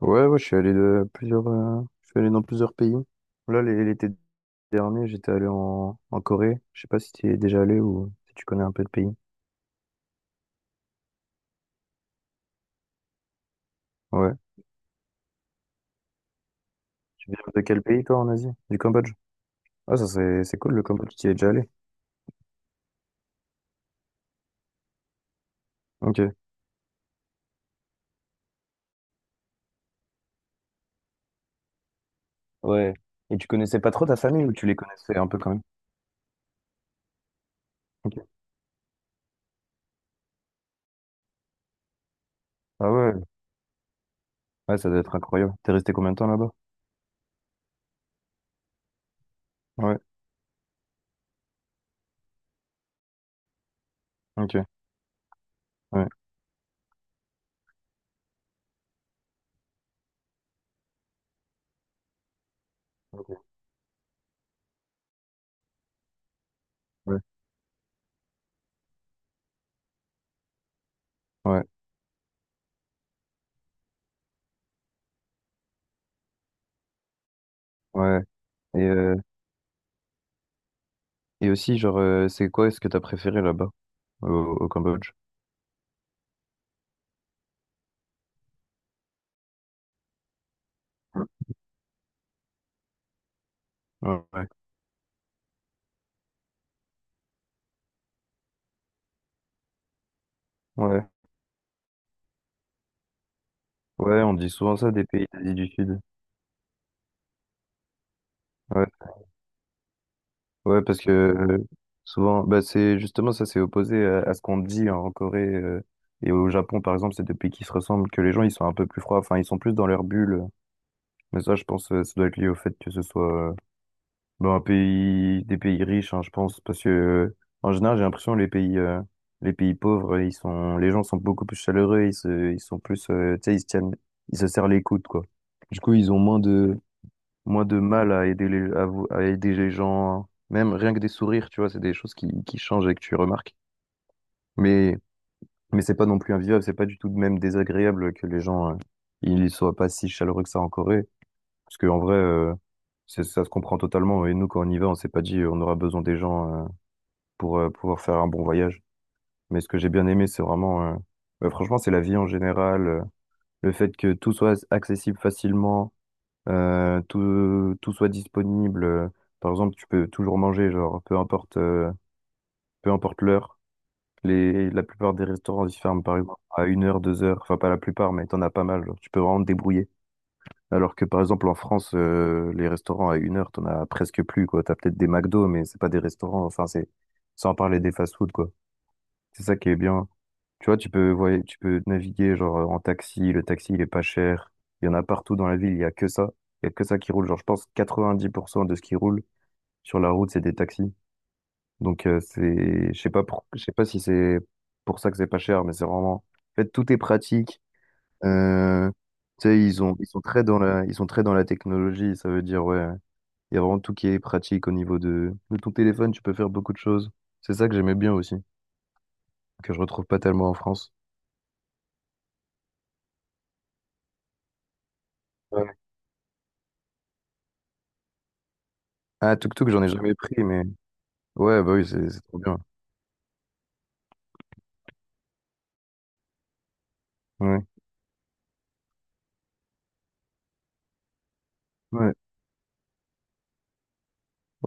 Ouais, ouais, je suis allé dans plusieurs pays. Là, l'été dernier, j'étais allé en Corée. Je sais pas si tu es déjà allé ou si tu connais un peu de pays. Ouais. Tu viens de quel pays, toi, en Asie? Du Cambodge. Ah, ça, c'est cool, le Cambodge. Tu y es déjà allé. Ok. Ouais. Et tu connaissais pas trop ta famille ou tu les connaissais un peu quand même? Ok. Ah ouais. Ouais, ça doit être incroyable. T'es resté combien de temps là-bas? Ouais. Ok. Ouais. Ok. Ouais. Ouais. Ouais. Et, euh, et aussi, genre, c'est quoi ce que t'as préféré là-bas, au, au Cambodge? Ouais. Ouais. Ouais, on dit souvent ça des pays d'Asie du Sud. Ouais, ouais, parce que souvent, bah c'est justement ça, c'est opposé à ce qu'on dit en Corée, et au Japon, par exemple, c'est des pays qui se ressemblent, que les gens ils sont un peu plus froids, enfin ils sont plus dans leur bulle. Mais ça, je pense, ça doit être lié au fait que ce soit bah, un pays, des pays riches, hein, je pense, parce que en général, j'ai l'impression les pays pauvres, les gens sont beaucoup plus chaleureux, ils sont plus, tu sais, ils se tiennent, ils se serrent les coudes, quoi. Du coup, ils ont moins de mal à aider les, à, vous- à aider les gens, même rien que des sourires, tu vois, c'est des choses qui changent et que tu remarques. Mais, mais c'est pas non plus invivable, c'est pas du tout de même désagréable que les gens, ils soient pas si chaleureux que ça en Corée. Parce que en vrai, ça se comprend totalement. Et nous, quand on y va, on s'est pas dit, on aura besoin des gens, pour pouvoir faire un bon voyage. Mais ce que j'ai bien aimé, c'est vraiment, bah, franchement, c'est la vie en général, le fait que tout soit accessible facilement. Tout soit disponible. Par exemple, tu peux toujours manger, genre, peu importe l'heure. La plupart des restaurants, ils ferment, par exemple, à une heure, deux heures. Enfin, pas la plupart, mais t'en as pas mal. Genre, tu peux vraiment te débrouiller. Alors que, par exemple, en France, les restaurants à une heure, t'en as presque plus, quoi. T'as peut-être des McDo, mais c'est pas des restaurants. Enfin, c'est, sans parler des fast-food, quoi. C'est ça qui est bien. Tu vois, tu peux naviguer genre en taxi, le taxi il est pas cher. Il y en a partout dans la ville, il y a que ça. Il y a que ça qui roule. Genre, je pense 90% de ce qui roule sur la route, c'est des taxis. Donc, c'est, je sais pas pour- je sais pas si c'est pour ça que c'est pas cher, mais c'est vraiment, en fait, tout est pratique. Euh, tu sais, ils sont très dans la technologie. Ça veut dire, ouais, il y a vraiment tout qui est pratique au niveau de ton téléphone. Tu peux faire beaucoup de choses. C'est ça que j'aimais bien aussi, que je retrouve pas tellement en France. Ah, tuk-tuk, j'en ai jamais pris, mais ouais, bah oui, c'est trop bien. Ouais, ouais,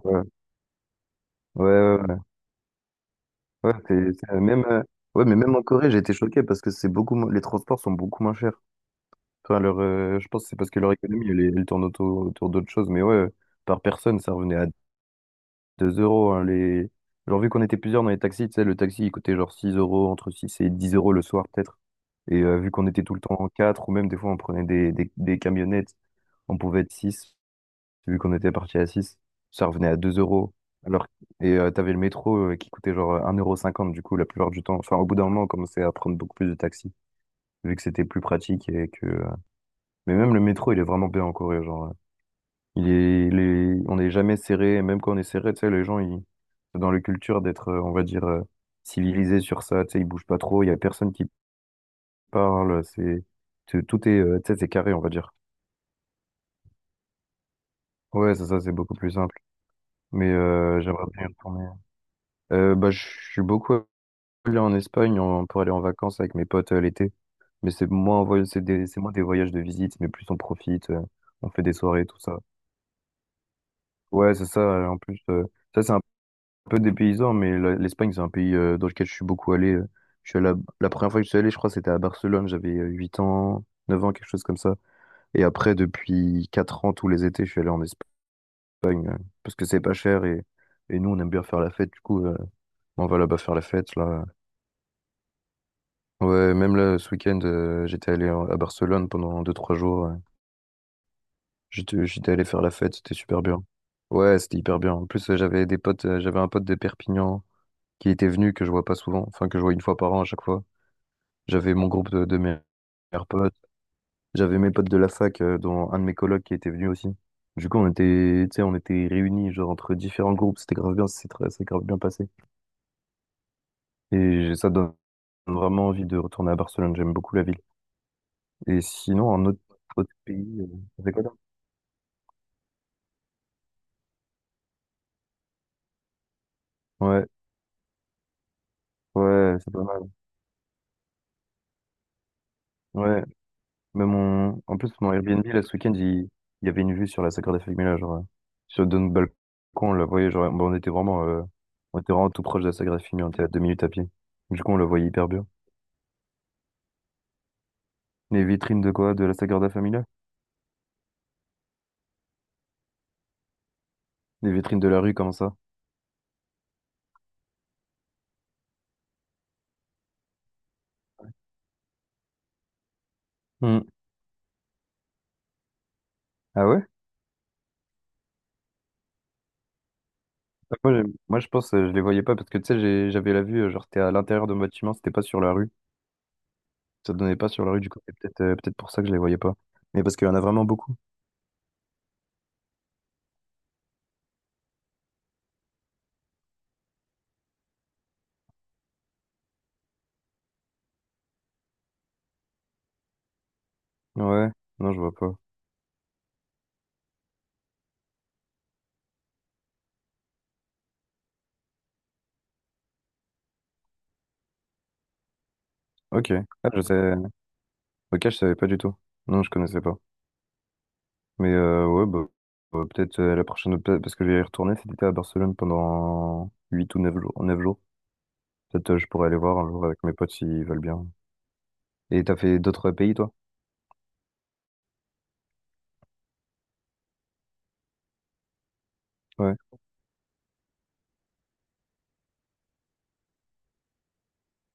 ouais, ouais, ouais. Ouais, ouais, même, ouais, mais même en Corée, j'ai été choqué parce que c'est les transports sont beaucoup moins chers. Enfin, je pense que c'est parce que leur économie, elle tourne autour d'autres choses. Mais ouais, par personne, ça revenait à 2 euros, hein, les... Genre, vu qu'on était plusieurs dans les taxis, tu sais, le taxi, il coûtait genre 6 euros, entre 6 et 10 euros le soir, peut-être. Et vu qu'on était tout le temps en 4, ou même des fois, on prenait des camionnettes, on pouvait être six, vu qu'on était parti à six, ça revenait à 2 euros. Alors, t'avais le métro, qui coûtait genre 1,50 € du coup la plupart du temps. Enfin, au bout d'un moment, on commençait à prendre beaucoup plus de taxis, vu que c'était plus pratique et que. Mais même le métro, il est vraiment bien en Corée. Genre, on n'est jamais serré. Et même quand on est serré, tu sais, les gens, ils... c'est dans leur culture d'être, on va dire, civilisés sur ça. Tu sais, ils bougent pas trop. Il y a personne qui parle. C'est tout est, tu sais, c'est carré, on va dire. Ouais, c'est ça, c'est beaucoup plus simple. Mais j'aimerais bien y retourner. Bah, je suis beaucoup aller en Espagne pour aller en vacances avec mes potes, l'été. Mais c'est moins, un voy- c'est des, c'est moins des voyages de visite, mais plus on profite, on fait des soirées, tout ça. Ouais, c'est ça. En plus, ça, c'est un peu des paysans, mais l'Espagne, c'est un pays, dans lequel je suis beaucoup allé. Je suis allé à- La première fois que je suis allé, je crois, c'était à Barcelone. J'avais 8 ans, 9 ans, quelque chose comme ça. Et après, depuis 4 ans, tous les étés, je suis allé en Espagne, parce que c'est pas cher et nous, on aime bien faire la fête. Du coup, on va là-bas faire la fête, là. Ouais, même là, ce week-end, j'étais allé à Barcelone pendant deux trois jours. Ouais. J'étais allé faire la fête, c'était super bien. Ouais, c'était hyper bien. En plus, j'avais des potes, j'avais un pote de Perpignan qui était venu, que je vois pas souvent, enfin que je vois une fois par an à chaque fois. J'avais mon groupe de mes meilleurs potes. J'avais mes potes de la fac, dont un de mes colocs qui était venu aussi. Du coup, on était, tu sais, on était réunis, genre, entre différents groupes. C'était grave bien, c'est grave bien passé. Et ça donne vraiment envie de retourner à Barcelone. J'aime beaucoup la ville. Et sinon, un autre pays, c'est quoi? Ouais, ouais, c'est pas mal. Ouais, mais mon. En plus, mon Airbnb, là, ce week-end, il y avait une vue sur la Sagrada Familia, genre, sur de notre balcon, on la voyait, genre, bon, on était vraiment tout proche de la Sagrada Familia, on était à 2 minutes à pied. Du coup, on la voyait hyper bien. Les vitrines de quoi? De la Sagrada Familia? Les vitrines de la rue, comment ça? Hmm. Ah ouais? Bah, moi, je pense, je les voyais pas, parce que, tu sais, j'avais la vue, genre, c'était à l'intérieur de mon bâtiment, c'était pas sur la rue. Ça donnait pas sur la rue, du coup, c'est peut-être pour ça que je les voyais pas. Mais parce qu'il y en a vraiment beaucoup. Ouais, non, je vois pas. Ok, ah, je sais. Ok, je savais pas du tout. Non, je connaissais pas. Mais ouais, bah, peut-être la prochaine, parce que je vais y retourner cet été à Barcelone pendant 8 ou 9 jours. 9 jours. Peut-être, je pourrais aller voir un jour avec mes potes s'ils veulent bien. Et t'as fait d'autres pays, toi? Ouais.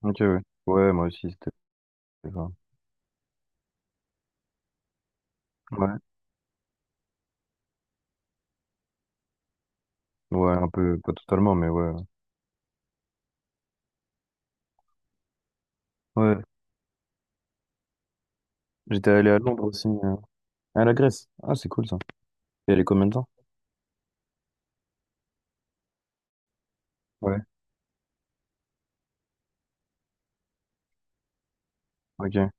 Ok, ouais. Ouais, moi aussi, c'était ça. Ouais. Ouais, un peu, pas totalement, mais ouais. Ouais. J'étais allé à Londres aussi. À la Grèce. Ah, c'est cool ça. T'es allé combien de temps? Ouais. Ok.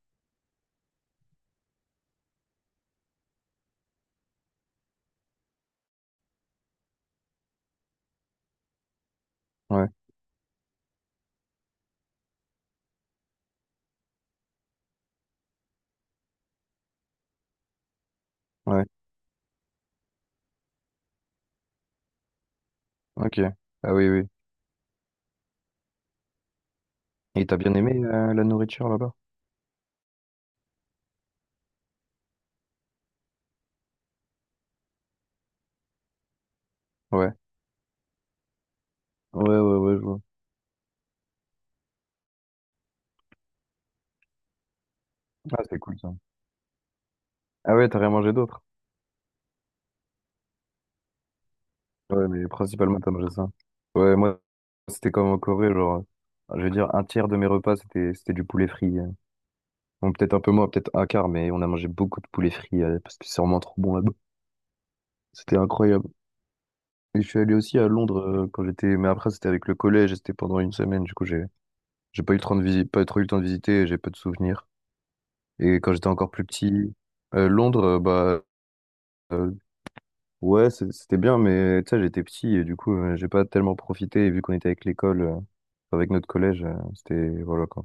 Ouais. Ouais. Ok. Ah oui, oui. Et t'as bien aimé la nourriture là-bas? Ouais. Ouais, ouais, ouais, je vois. Ah, c'est cool ça. Ah ouais, t'as rien mangé d'autre? Ouais, mais principalement t'as mangé ça. Ouais, moi, c'était comme en Corée, genre, je veux dire, un tiers de mes repas, c'était du poulet frit. Bon, peut-être un peu moins, peut-être un quart, mais on a mangé beaucoup de poulet frit, parce que c'est vraiment trop bon là-bas. C'était incroyable. Et je suis allé aussi à Londres, quand j'étais, mais après, c'était avec le collège, et c'était pendant une semaine, du coup, j'ai pas eu le temps de pas trop eu le temps de visiter, et j'ai peu de souvenirs. Et quand j'étais encore plus petit, Londres, bah, euh, ouais, c'était bien, mais tu sais, j'étais petit et du coup, j'ai pas tellement profité. Et vu qu'on était avec l'école, enfin, avec notre collège, c'était, voilà, quoi.